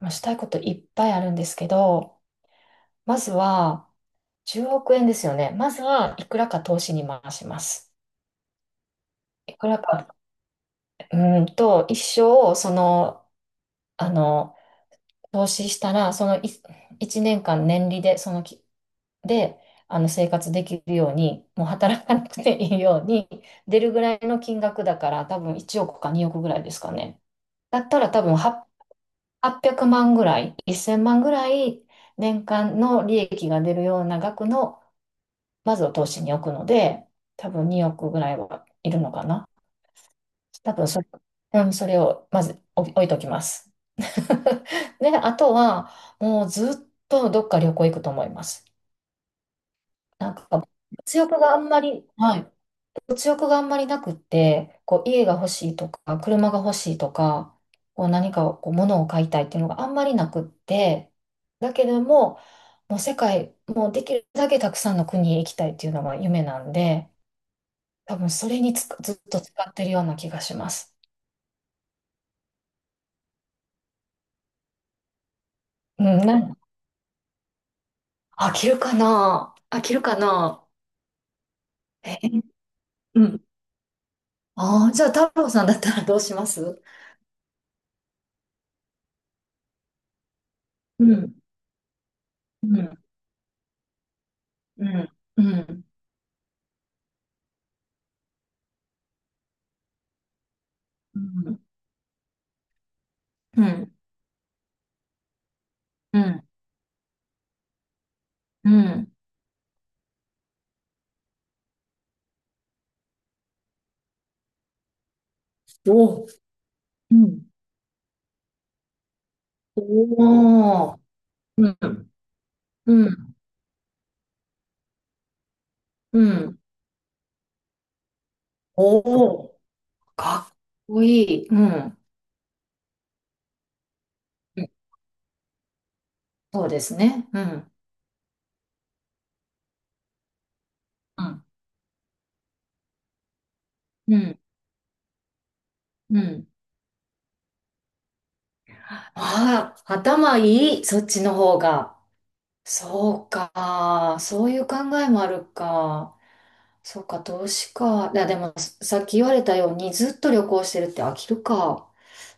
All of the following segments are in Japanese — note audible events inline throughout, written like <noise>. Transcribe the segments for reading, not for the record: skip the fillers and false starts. まあ、したいこといっぱいあるんですけど、まずは10億円ですよね。まずはいくらか投資に回します。いくらか、一生、あの、投資したら、そのい1年間年利で、そのき、で、生活できるように、もう働かなくていいように、出るぐらいの金額だから、多分1億か2億ぐらいですかね。だったら多分800万ぐらい、1000万ぐらい年間の利益が出るような額の、まずを投資に置くので、多分2億ぐらいはいるのかな。多分、うん、それをまず置いときます。<laughs> で、あとは、もうずっとどっか旅行行くと思います。なんか、物欲があんまり、はい。物欲があんまりなくって、こう家が欲しいとか、車が欲しいとか、こう何かこう物を買いたいっていうのがあんまりなくって、だけども、もう世界、もうできるだけたくさんの国へ行きたいっていうのが夢なんで、多分それにつく、ずっと使ってるような気がします。うん、飽きるかな飽きるかな。え、うん。ああ、じゃあ太郎さんだったらどうします？うん、うん、うん、うん、うん、うん、うん、うん。おお。うん。おー。うん。うん。うん。おー。かっこいい。うん。うん、そうですね。うん。うん。うん。うん。ああ、頭いい。そっちの方が。そうか。そういう考えもあるか。そうか、投資か。いや、でも、さっき言われたように、ずっと旅行してるって飽きるか。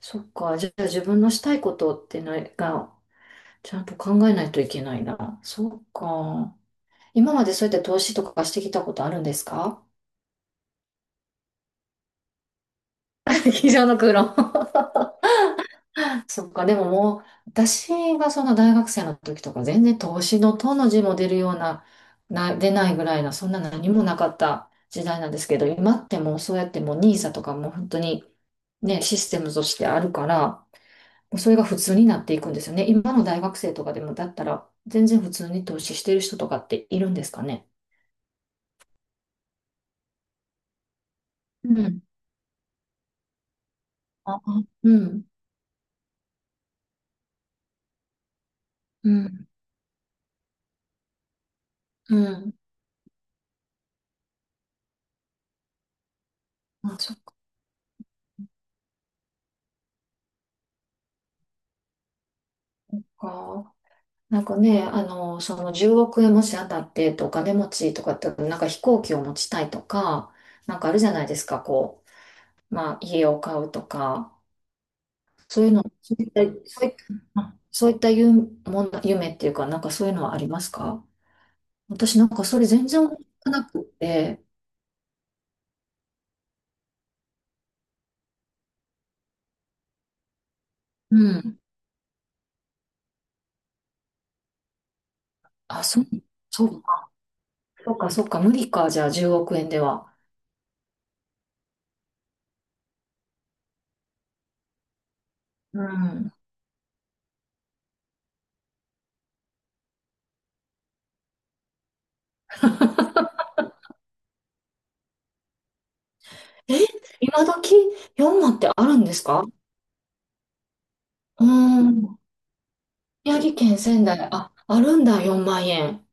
そっか。じゃあ、自分のしたいことってないが、ちゃんと考えないといけないな。そうか。今までそうやって投資とかしてきたことあるんですか？ <laughs> 机上の空論。 <laughs> そっか、でももう、私がその大学生の時とか全然投資のとの字も出るような、出ないぐらいな、そんな何もなかった時代なんですけど、今ってもうそうやってもうニーサとかも本当にね、システムとしてあるから、もうそれが普通になっていくんですよね。今の大学生とかでもだったら、全然普通に投資してる人とかっているんですかね？うん。あ、うん。うん。うん。あ、そっか。なんかね、その10億円もし当たってとお金持ちとかって、なんか飛行機を持ちたいとか、なんかあるじゃないですか、こう、まあ家を買うとか、そういうの、そういった、そういった、そういった夢、夢っていうか、なんかそういうのはありますか？私なんかそれ全然思いつかなくって、うん。あ、そう、そうか、そうか、そうか、無理か、じゃあ10億円では。うん。え、今時4万ってあるんですか？うん。宮城県仙台、あ、あるんだ、4万円。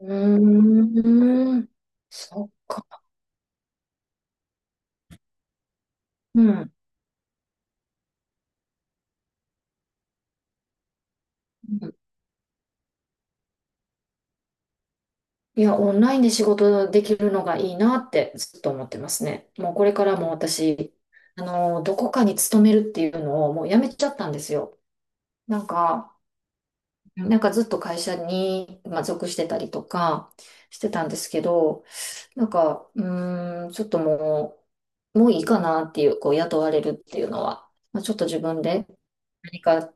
うーん、そっか。うん。うん。いや、オンラインで仕事できるのがいいなってずっと思ってますね。もうこれからも私、どこかに勤めるっていうのをもうやめちゃったんですよ。なんか、ずっと会社に、まあ、属してたりとかしてたんですけど、なんか、ちょっともういいかなっていう、こう、雇われるっていうのは、まあ、ちょっと自分で何か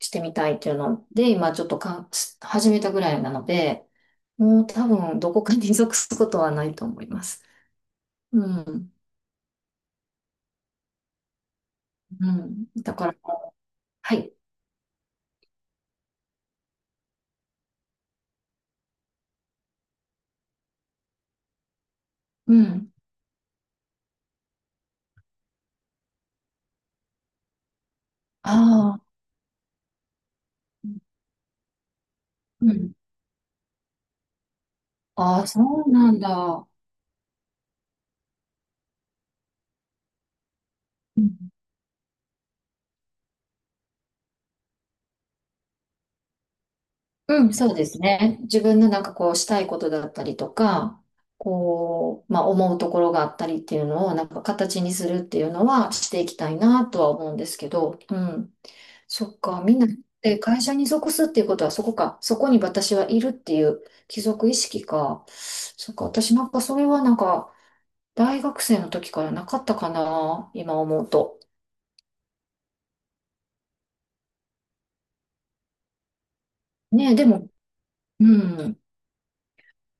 してみたいっていうので、今ちょっと始めたぐらいなので、もう多分どこかに属すことはないと思います。うん、うん。だから、はい。うん。ああ、うん。ああ、そうなんだ。うん。うん、そうですね。自分のなんかこうしたいことだったりとか、こう、まあ思うところがあったりっていうのをなんか形にするっていうのはしていきたいなとは思うんですけど、うん。そっか、みんなで会社に属すっていうことはそこか、そこに私はいるっていう帰属意識か。そっか、私なんかそれはなんか大学生の時からなかったかな、今思うと。ねえ、でも、うん。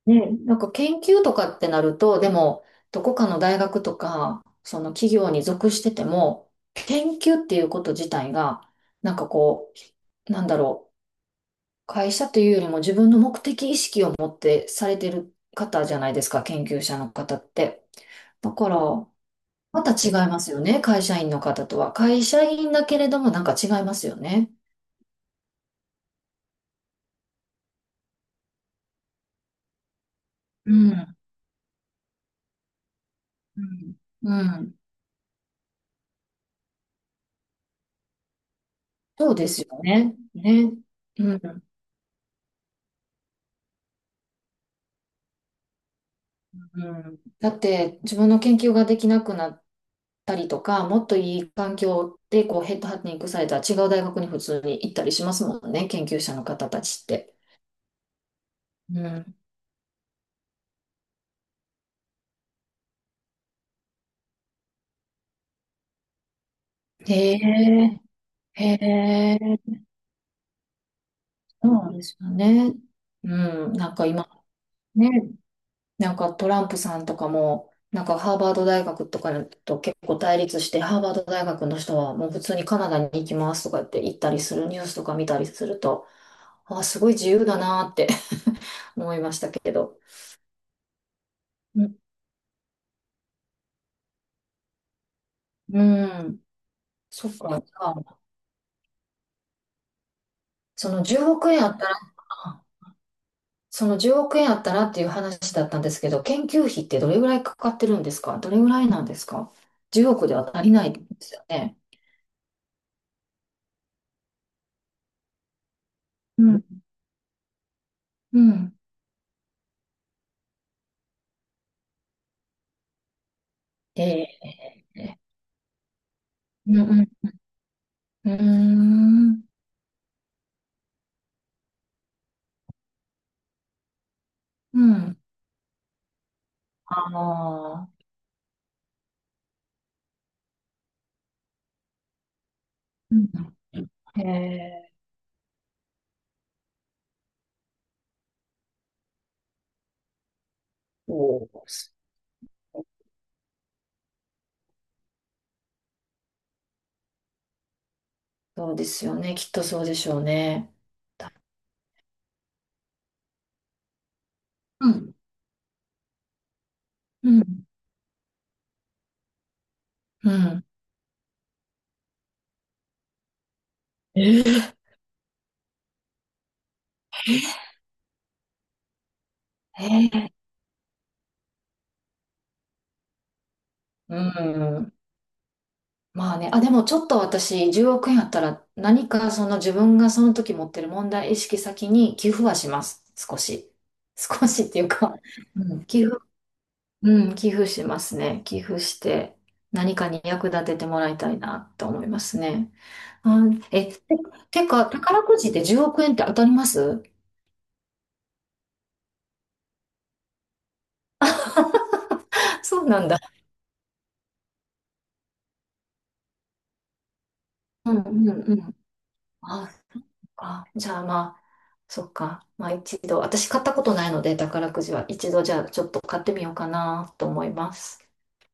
ね、なんか研究とかってなると、でも、どこかの大学とか、その企業に属してても、研究っていうこと自体が、なんかこう、なんだろう、会社というよりも自分の目的意識を持ってされてる方じゃないですか、研究者の方って。だから、また違いますよね、会社員の方とは。会社員だけれども、なんか違いますよね。うん。うん。うん。そうですよね。ね。うん。うん。だって自分の研究ができなくなったりとか、もっといい環境でこうヘッドハンティングされたら違う大学に普通に行ったりしますもんね、研究者の方たちって。うん。へえ、へえ、そうなんですよね。うん、なんか今ね、なんかトランプさんとかも、なんかハーバード大学とかと結構対立して、ハーバード大学の人はもう普通にカナダに行きますとかって言ったりするニュースとか見たりすると、あ、すごい自由だなって <laughs> 思いましたけど。うん、うん、そっか。じゃあその10億円あったら、その10億円あったらっていう話だったんですけど、研究費ってどれぐらいかかってるんですか？どれぐらいなんですか？ 10 億では足りないですよね。うん。うん。ええ、うん、うん。うーん。うん。ああ。うん、ええ、おー。そうですよね。きっとそうでしょうね。だうん。うん。うん。えええ、うん。まあね、あ、でもちょっと私、10億円あったら、何かその自分がその時持ってる問題意識先に寄付はします。少し。少しっていうか、うん、うん、寄付しますね。寄付して、何かに役立ててもらいたいなと思いますね。あ、え、てか、宝くじで10億円って当たります？そうなんだ。うん、うん、うん。あ、そっか。じゃあまあ。そっか。まあ一度、私買ったことないので、宝くじは一度じゃあちょっと買ってみようかなと思います。